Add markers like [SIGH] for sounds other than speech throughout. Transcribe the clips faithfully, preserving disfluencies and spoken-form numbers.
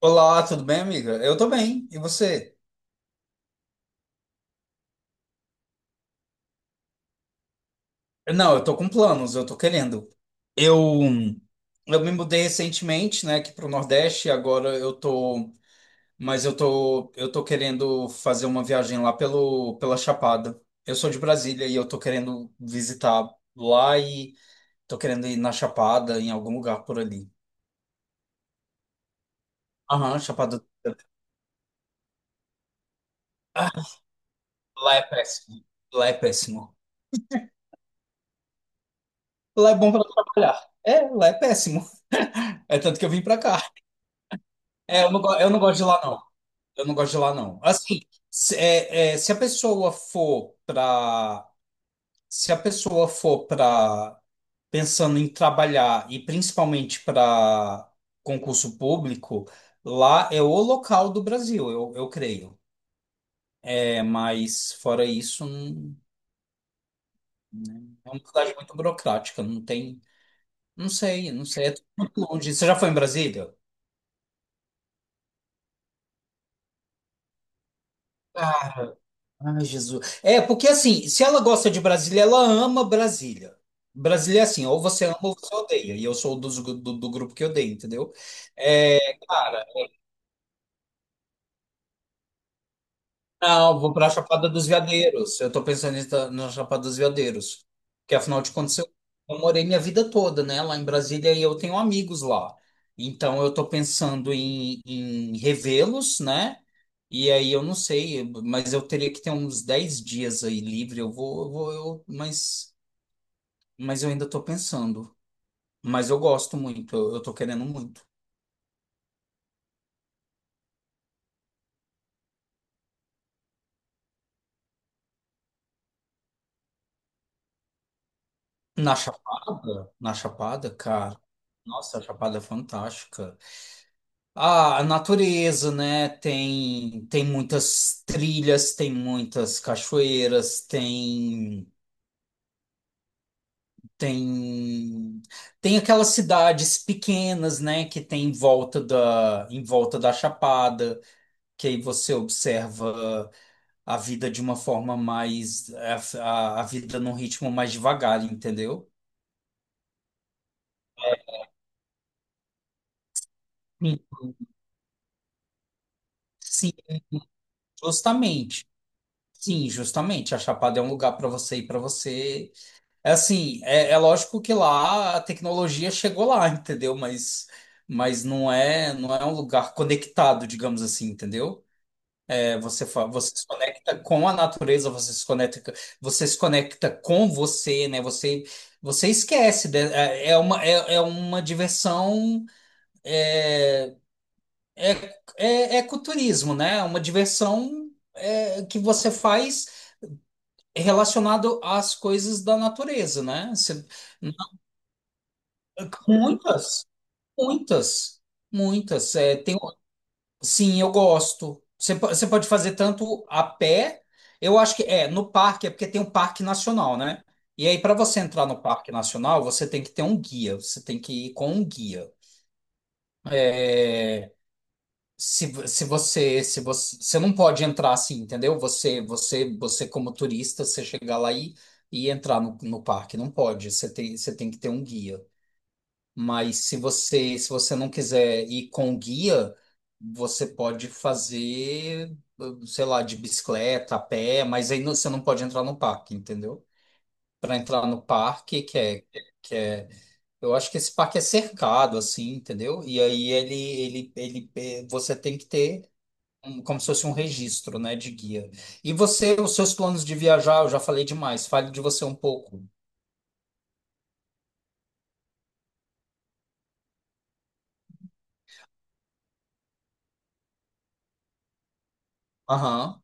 Olá, tudo bem, amiga? Eu tô bem. E você? Não, eu tô com planos, eu tô querendo. Eu, eu me mudei recentemente, né, aqui pro Nordeste. E agora eu tô, mas eu tô, eu tô querendo fazer uma viagem lá pelo, pela Chapada. Eu sou de Brasília e eu tô querendo visitar lá e tô querendo ir na Chapada, em algum lugar por ali. Aham, Chapada. Ah, lá é péssimo. Lá é péssimo. Lá é bom pra trabalhar. É, lá é péssimo. É tanto que eu vim pra cá. É, eu não, go- eu não gosto de lá, não. Eu não gosto de lá, não. Assim, se, é, é, se a pessoa for para, se a pessoa for para, pensando em trabalhar e principalmente para concurso público, lá é o local do Brasil, eu, eu creio. É, mas fora isso, não, né, é uma cidade muito burocrática, não tem, não sei, não sei, é tudo muito longe. Você já foi em Brasília? Cara, ai, Jesus. É, porque assim, se ela gosta de Brasília, ela ama Brasília. Brasília é assim, ou você ama ou você odeia. E eu sou dos gru- do, do grupo que odeia, entendeu? É, cara, não, vou pra Chapada dos Veadeiros. Eu tô pensando em estar na Chapada dos Veadeiros. Porque afinal de contas, eu, eu morei minha vida toda, né, lá em Brasília e eu tenho amigos lá. Então eu tô pensando em, em revê-los, né? E aí eu não sei, mas eu teria que ter uns dez dias aí livre. Eu vou, eu vou, eu, mas. Mas eu ainda tô pensando. Mas eu gosto muito, eu, eu tô querendo muito. Na Chapada, na Chapada, cara. Nossa, a Chapada é fantástica. Ah, a natureza, né? Tem tem muitas trilhas, tem muitas cachoeiras, tem tem tem aquelas cidades pequenas, né, que tem em volta da em volta da Chapada, que aí você observa a vida de uma forma mais, a, a a vida num ritmo mais devagar, entendeu? Sim. Sim, justamente. Sim, justamente. A Chapada é um lugar para você ir para você. É assim, é, é lógico que lá a tecnologia chegou lá, entendeu? Mas, mas não é, não é um lugar conectado, digamos assim, entendeu? É, você, fa- você se conecta com a natureza, você se conecta, você se conecta com você, né? Você, você esquece, né? É é uma, é, é uma diversão. É, é ecoturismo, né? É uma diversão, é, que você faz relacionado às coisas da natureza, né? Você, muitas, muitas, muitas. É, tem, sim, eu gosto. Você, po- você pode fazer tanto a pé, eu acho que é no parque, é porque tem um parque nacional, né? E aí, para você entrar no parque nacional, você tem que ter um guia, você tem que ir com um guia. É, Se, vo- se você, se você, você não pode entrar assim, entendeu? Você, você, você, como turista, você chegar lá e, e entrar no, no parque, não pode. Você tem, você tem que ter um guia. Mas se você, se você não quiser ir com o guia, você pode fazer, sei lá, de bicicleta, a pé, mas aí não, você não pode entrar no parque, entendeu? Para entrar no parque, que é, que é eu acho que esse parque é cercado, assim, entendeu? E aí ele, ele, ele, eh, você tem que ter um, como se fosse um registro, né, de guia. E você, os seus planos de viajar, eu já falei demais, fale de você um pouco. Aham.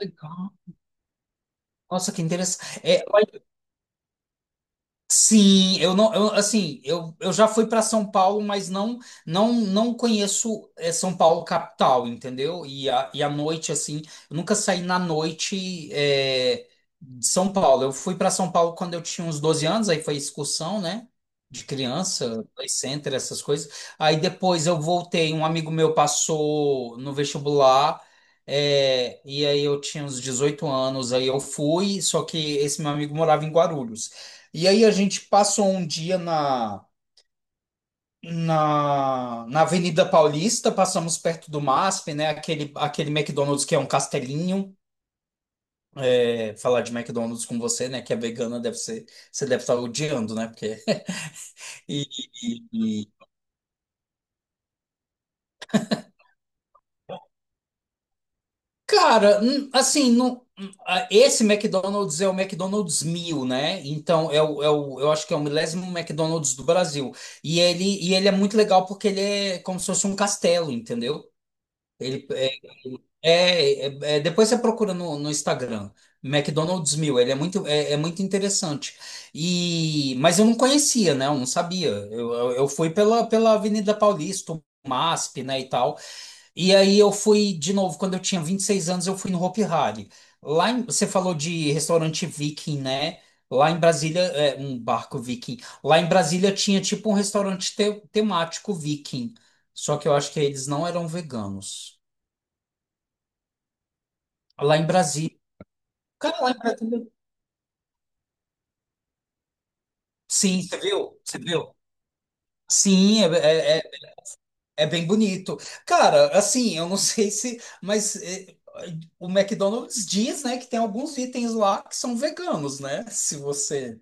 Legal. Nossa, que interessante. Sim, eu não, eu, assim, eu, eu já fui para São Paulo, mas não não não conheço, eh, São Paulo capital, entendeu? E a, e a noite, assim, eu nunca saí na noite, eh, de São Paulo. Eu fui para São Paulo quando eu tinha uns doze anos, aí foi excursão, né? De criança, play center, essas coisas. Aí depois eu voltei, um amigo meu passou no vestibular. É, e aí eu tinha uns dezoito anos, aí eu fui, só que esse meu amigo morava em Guarulhos. E aí a gente passou um dia na, na, na Avenida Paulista, passamos perto do M A S P, né? Aquele, aquele McDonald's que é um castelinho. É, falar de McDonald's com você, né? Que é vegana, deve ser, você deve estar odiando, né? Porque. [LAUGHS] E, e- e- Cara, hum, assim, não, hum, ah, esse McDonald's é o McDonald's mil, né? Então, é o, é o, eu acho que é o milésimo McDonald's do Brasil. E ele, e ele é muito legal porque ele é como se fosse um castelo, entendeu? Ele, É, é- é, depois você procura no, no Instagram, McDonald's Mil. Ele é muito, é, é muito interessante. E, mas eu não conhecia, né? Eu não sabia. Eu, eu, eu fui pela, pela Avenida Paulista, o M A S P, né, e tal. E aí eu fui de novo, quando eu tinha vinte e seis anos, eu fui no Hopi Hari. Lá em, você falou de restaurante viking, né? Lá em Brasília, é, um barco viking. Lá em Brasília tinha tipo um restaurante te- temático viking. Só que eu acho que eles não eram veganos. Lá em Brasília. Cara, lá em tudo. Sim, você viu? Você viu? Sim, é, é, é é bem bonito. Cara, assim, eu não [LAUGHS] sei se. Mas é, o McDonald's diz, né, que tem alguns itens lá que são veganos, né? Se você.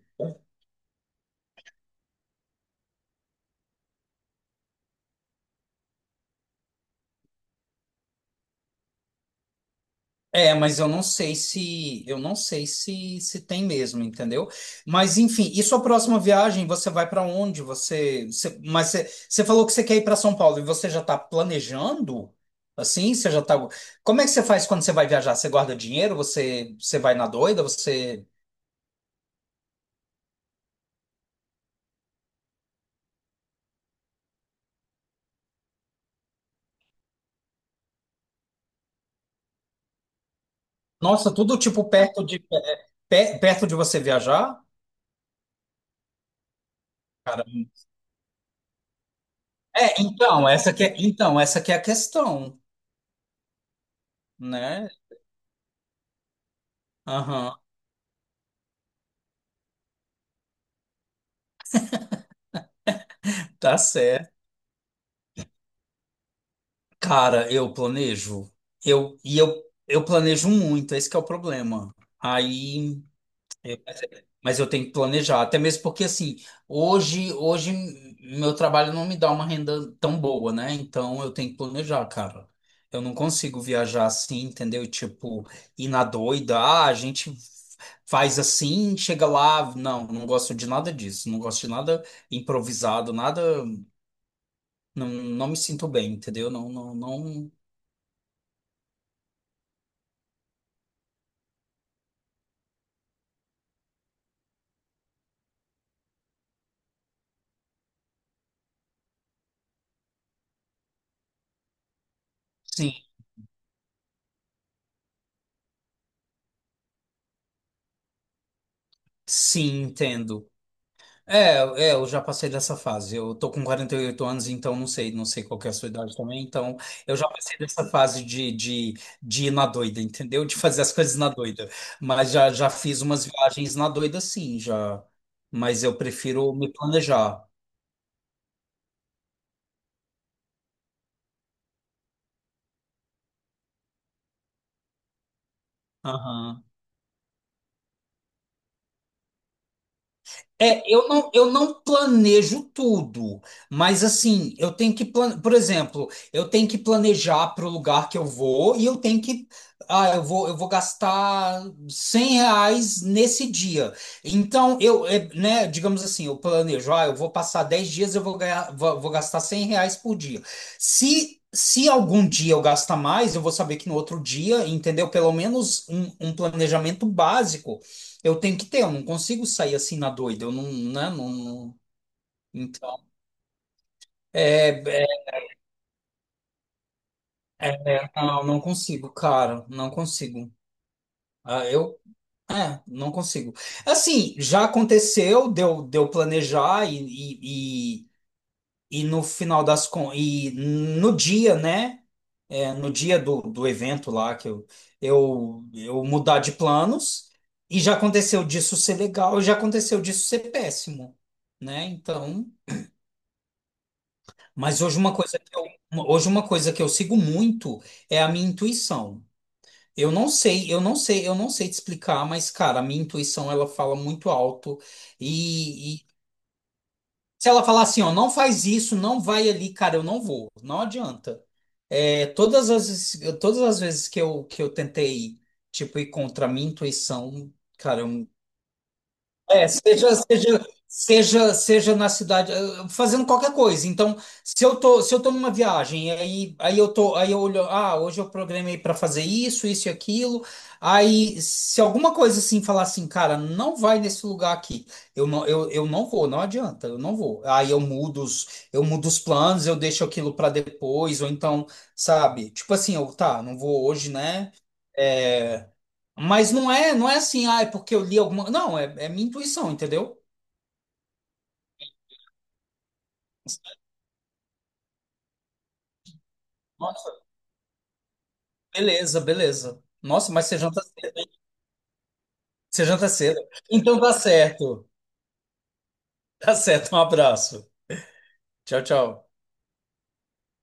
É, mas eu não sei se eu não sei se se tem mesmo, entendeu? Mas enfim, e sua próxima viagem, você vai para onde? Você, você- mas você, você falou que você quer ir para São Paulo e você já está planejando? Assim, você já tá. Como é que você faz quando você vai viajar? Você guarda dinheiro? Você você vai na doida? Você, nossa, tudo tipo perto de, pe- perto de você viajar? Cara, é, então, essa que é, então, essa que é a questão, né? Aham, tá certo. Cara, eu planejo. Eu, e eu, eu planejo muito, esse que é o problema. Aí, é, mas eu tenho que planejar, até mesmo porque assim, hoje, hoje meu trabalho não me dá uma renda tão boa, né? Então eu tenho que planejar, cara. Eu não consigo viajar assim, entendeu? Tipo, ir na doida, ah, a gente faz assim, chega lá, não, não gosto de nada disso, não gosto de nada improvisado, nada, não, não me sinto bem, entendeu? Não, não, não. Sim, entendo. É, é, eu já passei dessa fase. Eu tô com quarenta e oito anos, então não sei, não sei qual que é a sua idade também. Então, eu já passei dessa fase de, de, de ir na doida, entendeu? De fazer as coisas na doida. Mas já, já fiz umas viagens na doida, sim, já. Mas eu prefiro me planejar. Aham. É, eu não, eu não planejo tudo, mas assim, eu tenho que plan, por exemplo, eu tenho que planejar para o lugar que eu vou e eu tenho que, ah, eu vou, eu vou gastar cem reais nesse dia. Então, eu, é, né, digamos assim, eu planejo, ah, eu vou passar dez dias, eu vou ganhar, vou, vou gastar cem reais por dia. Se, se algum dia eu gastar mais, eu vou saber que no outro dia, entendeu? Pelo menos um, um planejamento básico eu tenho que ter, eu não consigo sair assim na doida, eu não, né, não, não, então, é, é, não, não consigo, cara, não consigo. Ah, eu, é, não consigo. Assim, já aconteceu, deu, deu planejar e, e, e, e no final das con, e no dia, né, é, no dia do, do evento lá, que eu, eu, eu mudar de planos, e já aconteceu disso ser legal, e já aconteceu disso ser péssimo, né, então... Mas hoje uma coisa que eu, uma- hoje uma coisa que eu sigo muito é a minha intuição. Eu não sei, eu não sei, eu não sei te explicar, mas cara, a minha intuição ela fala muito alto e, e se ela falar assim, ó, não faz isso, não vai ali, cara, eu não vou, não adianta. É, todas as todas as vezes que eu que eu tentei tipo ir contra a minha intuição, cara, eu é, seja, seja, seja, seja na cidade, eh, fazendo qualquer coisa. Então, se eu tô, se eu tô numa viagem, e aí, aí eu tô, aí eu olho, ah, hoje eu programei para fazer isso, isso e aquilo. Aí, se alguma coisa assim falar assim, cara, não vai nesse lugar aqui, eu não, eu, eu não vou, não adianta, eu não vou. Aí eu mudo os, eu mudo os planos, eu deixo aquilo para depois, ou então, sabe? Tipo assim, eu, tá, não vou hoje, né? É, mas não é, não é assim, ah, é porque eu li alguma. Não, é, é minha intuição, entendeu? Nossa, beleza, beleza. Nossa, mas você janta, você janta cedo. [LAUGHS] Então tá certo. Tá certo, um abraço. Tchau, tchau.